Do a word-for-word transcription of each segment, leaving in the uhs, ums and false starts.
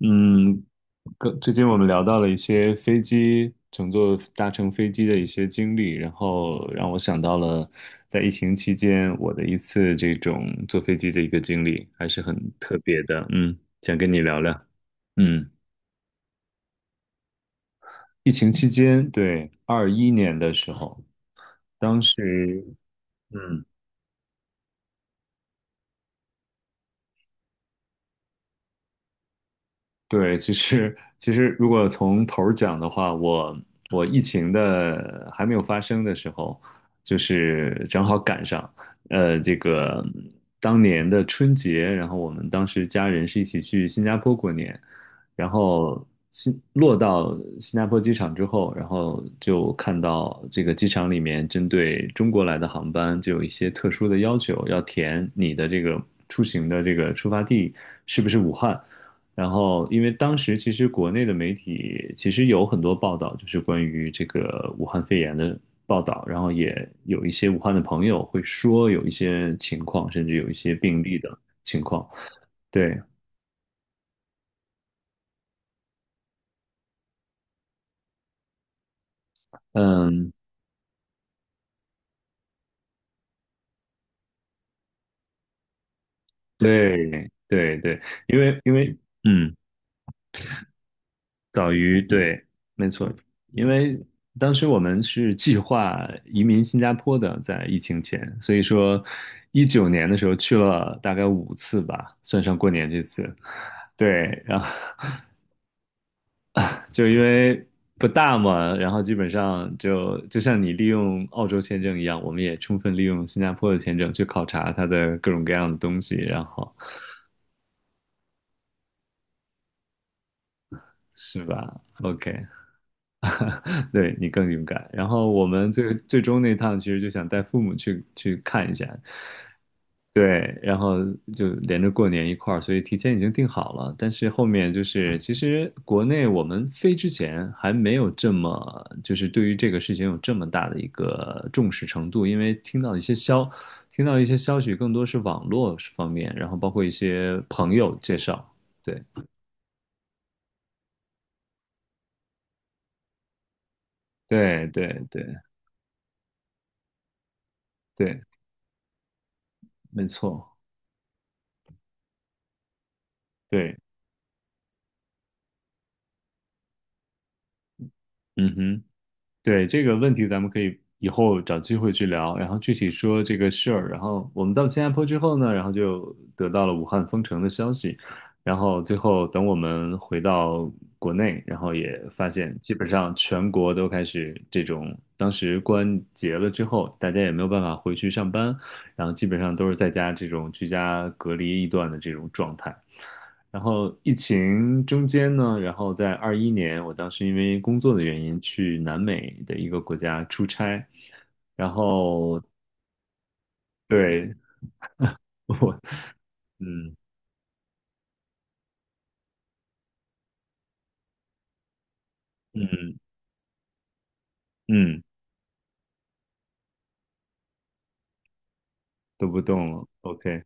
嗯，跟最近我们聊到了一些飞机乘坐搭乘飞机的一些经历，然后让我想到了在疫情期间我的一次这种坐飞机的一个经历，还是很特别的。嗯，想跟你聊聊。嗯，疫情期间，对，二一年的时候，当时。嗯。对，其实其实如果从头儿讲的话，我我疫情的还没有发生的时候，就是正好赶上，呃，这个当年的春节，然后我们当时家人是一起去新加坡过年，然后新落到新加坡机场之后，然后就看到这个机场里面针对中国来的航班就有一些特殊的要求，要填你的这个出行的这个出发地是不是武汉。然后，因为当时其实国内的媒体其实有很多报道，就是关于这个武汉肺炎的报道，然后也有一些武汉的朋友会说有一些情况，甚至有一些病例的情况。对，嗯，对，对对，因为因为嗯。早于对，没错，因为当时我们是计划移民新加坡的，在疫情前，所以说一九年的时候去了大概五次吧，算上过年这次，对，然后 就因为不大嘛，然后基本上就就像你利用澳洲签证一样，我们也充分利用新加坡的签证去考察它的各种各样的东西，然后是吧？OK，对你更勇敢。然后我们最最终那趟其实就想带父母去去看一下，对，然后就连着过年一块儿，所以提前已经定好了。但是后面就是，其实国内我们飞之前还没有这么，就是对于这个事情有这么大的一个重视程度，因为听到一些消，听到一些消息更多是网络方面，然后包括一些朋友介绍，对，对，对，对，对，没错，对，嗯哼。对，这个问题，咱们可以以后找机会去聊，然后具体说这个事儿。然后我们到新加坡之后呢，然后就得到了武汉封城的消息，然后最后等我们回到国内，然后也发现基本上全国都开始这种，当时关节了之后，大家也没有办法回去上班，然后基本上都是在家这种居家隔离一段的这种状态。然后疫情中间呢，然后在二一年，我当时因为工作的原因去南美的一个国家出差，然后对 我，嗯嗯嗯，都不动了，OK，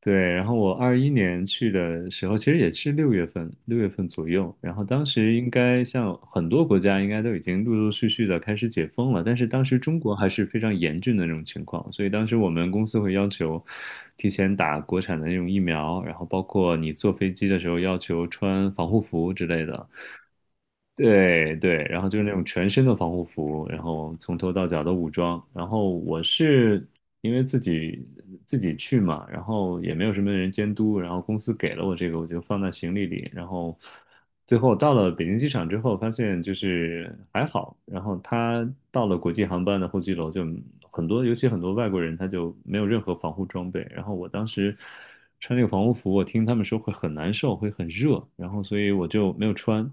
对，然后我二一年去的时候，其实也是六月份，六月份左右。然后当时应该像很多国家，应该都已经陆陆续续的开始解封了，但是当时中国还是非常严峻的那种情况，所以当时我们公司会要求提前打国产的那种疫苗，然后包括你坐飞机的时候要求穿防护服之类的。对对，然后就是那种全身的防护服，然后从头到脚的武装。然后我是因为自己自己去嘛，然后也没有什么人监督，然后公司给了我这个，我就放在行李里。然后最后到了北京机场之后，发现就是还好。然后他到了国际航班的候机楼，就很多，尤其很多外国人，他就没有任何防护装备。然后我当时穿那个防护服，我听他们说会很难受，会很热，然后所以我就没有穿。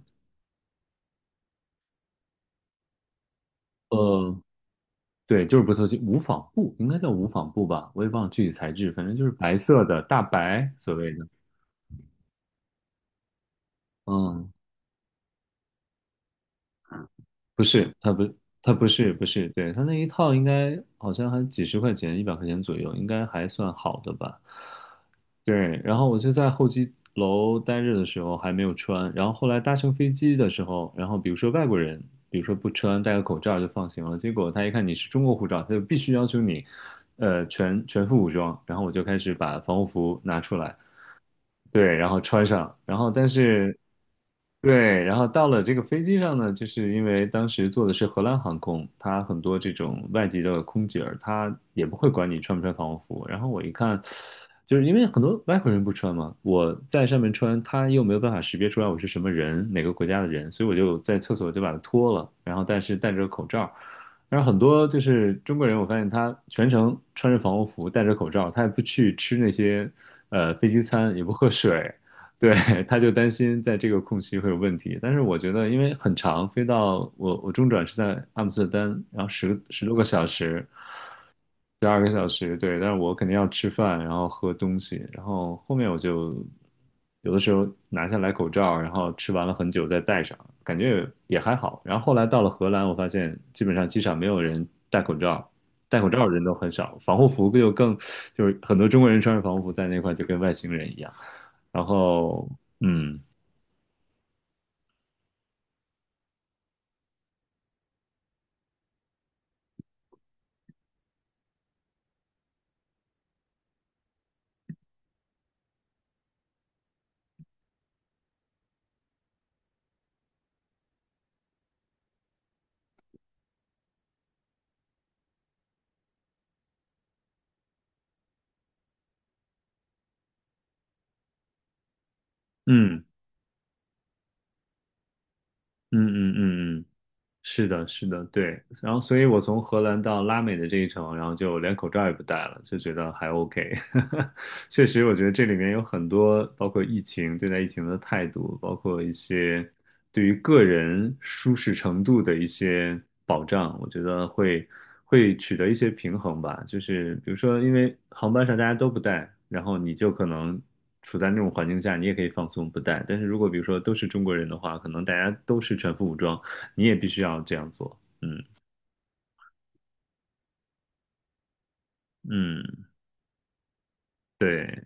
呃，对，就是不透气，无纺布应该叫无纺布吧，我也忘了具体材质，反正就是白色的大白所谓的。嗯，不是，它不，它不是，不是，对，它那一套应该好像还几十块钱，一百块钱左右，应该还算好的吧。对，然后我就在候机楼待着的时候还没有穿，然后后来搭乘飞机的时候，然后比如说外国人，比如说不穿戴个口罩就放行了，结果他一看你是中国护照，他就必须要求你，呃，全全副武装，然后我就开始把防护服拿出来，对，然后穿上，然后但是对，然后到了这个飞机上呢，就是因为当时坐的是荷兰航空，它很多这种外籍的空姐儿，她也不会管你穿不穿防护服。然后我一看，就是因为很多外国人不穿嘛，我在上面穿，他又没有办法识别出来我是什么人，哪个国家的人，所以我就在厕所就把它脱了，然后但是戴着个口罩。然后很多就是中国人，我发现他全程穿着防护服，戴着口罩，他也不去吃那些呃飞机餐，也不喝水，对，他就担心在这个空隙会有问题。但是我觉得，因为很长，飞到我我中转是在阿姆斯特丹，然后十十多个小时，十二个小时，对，但是我肯定要吃饭，然后喝东西，然后后面我就有的时候拿下来口罩，然后吃完了很久再戴上，感觉也也还好。然后后来到了荷兰，我发现基本上机场没有人戴口罩，戴口罩的人都很少，防护服就更就是很多中国人穿着防护服在那块就跟外星人一样。然后，嗯嗯嗯嗯嗯嗯，是的，是的，对。然后，所以我从荷兰到拉美的这一程，然后就连口罩也不戴了，就觉得还 OK。确实，我觉得这里面有很多，包括疫情，对待疫情的态度，包括一些对于个人舒适程度的一些保障，我觉得会会取得一些平衡吧。就是比如说，因为航班上大家都不戴，然后你就可能处在那种环境下，你也可以放松不戴。但是如果比如说都是中国人的话，可能大家都是全副武装。你也必须要这样做。嗯嗯，对，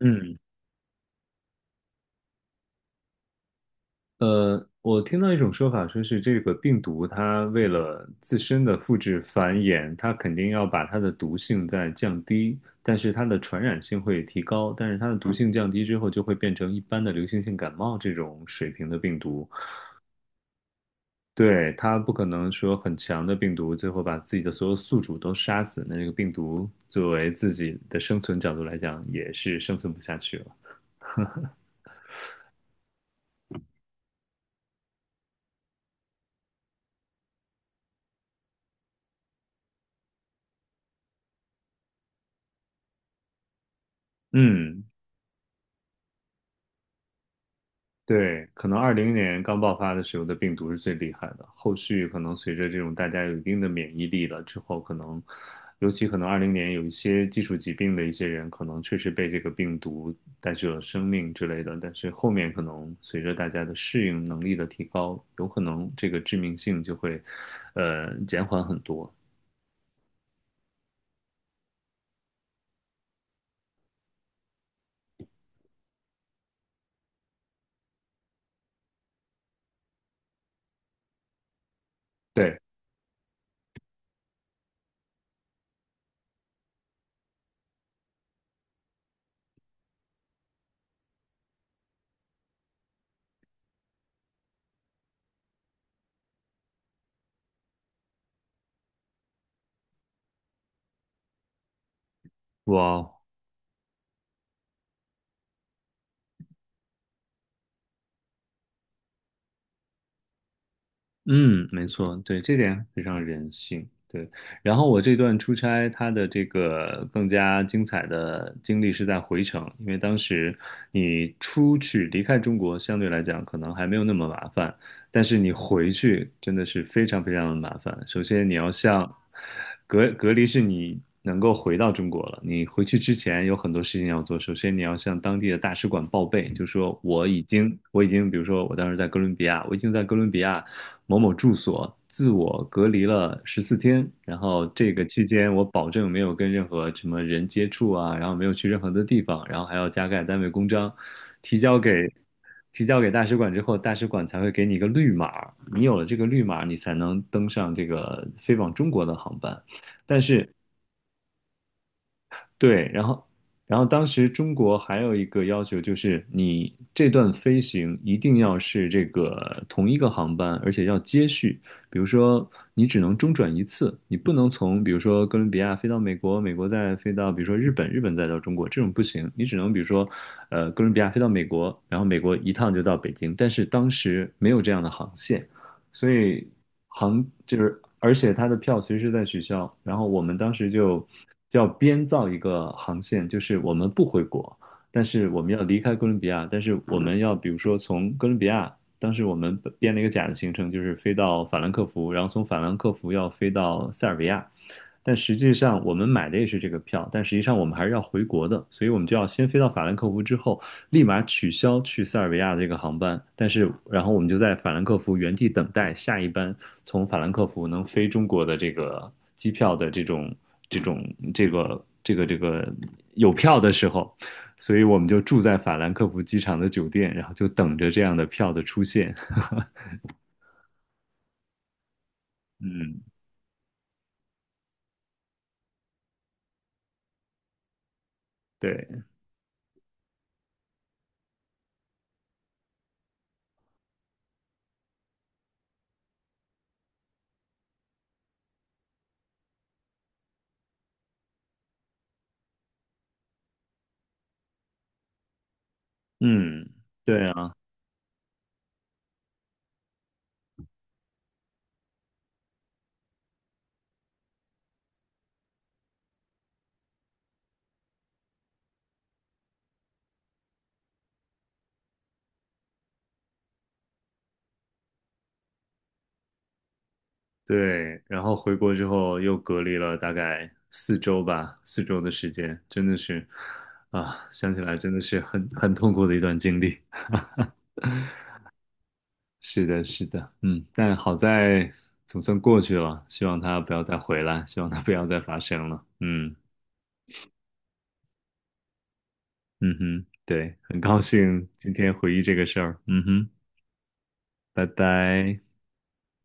嗯呃，我听到一种说法，说是这个病毒它为了自身的复制繁衍，它肯定要把它的毒性再降低，但是它的传染性会提高，但是它的毒性降低之后，就会变成一般的流行性感冒这种水平的病毒。对，它不可能说很强的病毒，最后把自己的所有宿主都杀死。那这个病毒作为自己的生存角度来讲，也是生存不下去了。嗯，对，可能二零年刚爆发的时候的病毒是最厉害的，后续可能随着这种大家有一定的免疫力了之后，可能，尤其可能二零年有一些基础疾病的一些人，可能确实被这个病毒带去了生命之类的，但是后面可能随着大家的适应能力的提高，有可能这个致命性就会，呃，减缓很多。对，哇，嗯，没错，对，这点非常人性。对，然后我这段出差，它的这个更加精彩的经历是在回程，因为当时你出去离开中国，相对来讲可能还没有那么麻烦，但是你回去真的是非常非常的麻烦。首先你要像隔隔离是你能够回到中国了，你回去之前有很多事情要做。首先你要向当地的大使馆报备，就说我已经我已经，比如说我当时在哥伦比亚，我已经在哥伦比亚。某某住所自我隔离了十四天，然后这个期间我保证没有跟任何什么人接触啊，然后没有去任何的地方，然后还要加盖单位公章，提交给提交给大使馆之后，大使馆才会给你一个绿码，你有了这个绿码，你才能登上这个飞往中国的航班。对，然后，然后当时中国还有一个要求，就是你这段飞行一定要是这个同一个航班，而且要接续。比如说，你只能中转一次，你不能从比如说哥伦比亚飞到美国，美国再飞到比如说日本，日本再到中国，这种不行。你只能比如说，呃，哥伦比亚飞到美国，然后美国一趟就到北京。但是当时没有这样的航线，所以航就是，而且它的票随时在取消，然后我们当时就叫编造一个航线，就是我们不回国，但是我们要离开哥伦比亚，但是我们要比如说从哥伦比亚，当时我们编了一个假的行程，就是飞到法兰克福，然后从法兰克福要飞到塞尔维亚。但实际上，我们买的也是这个票，但实际上我们还是要回国的，所以我们就要先飞到法兰克福之后，立马取消去塞尔维亚的这个航班，但是然后我们就在法兰克福原地等待下一班从法兰克福能飞中国的这个机票的这种这种这个这个这个有票的时候，所以我们就住在法兰克福机场的酒店，然后就等着这样的票的出现。嗯，对，嗯，对啊。对，然后回国之后又隔离了大概四周吧，四周的时间，真的是，啊，想起来真的是很很痛苦的一段经历。是的，是的，嗯，但好在总算过去了，希望它不要再回来，希望它不要再发生了。嗯嗯哼，对，很高兴今天回忆这个事儿。嗯哼，拜拜。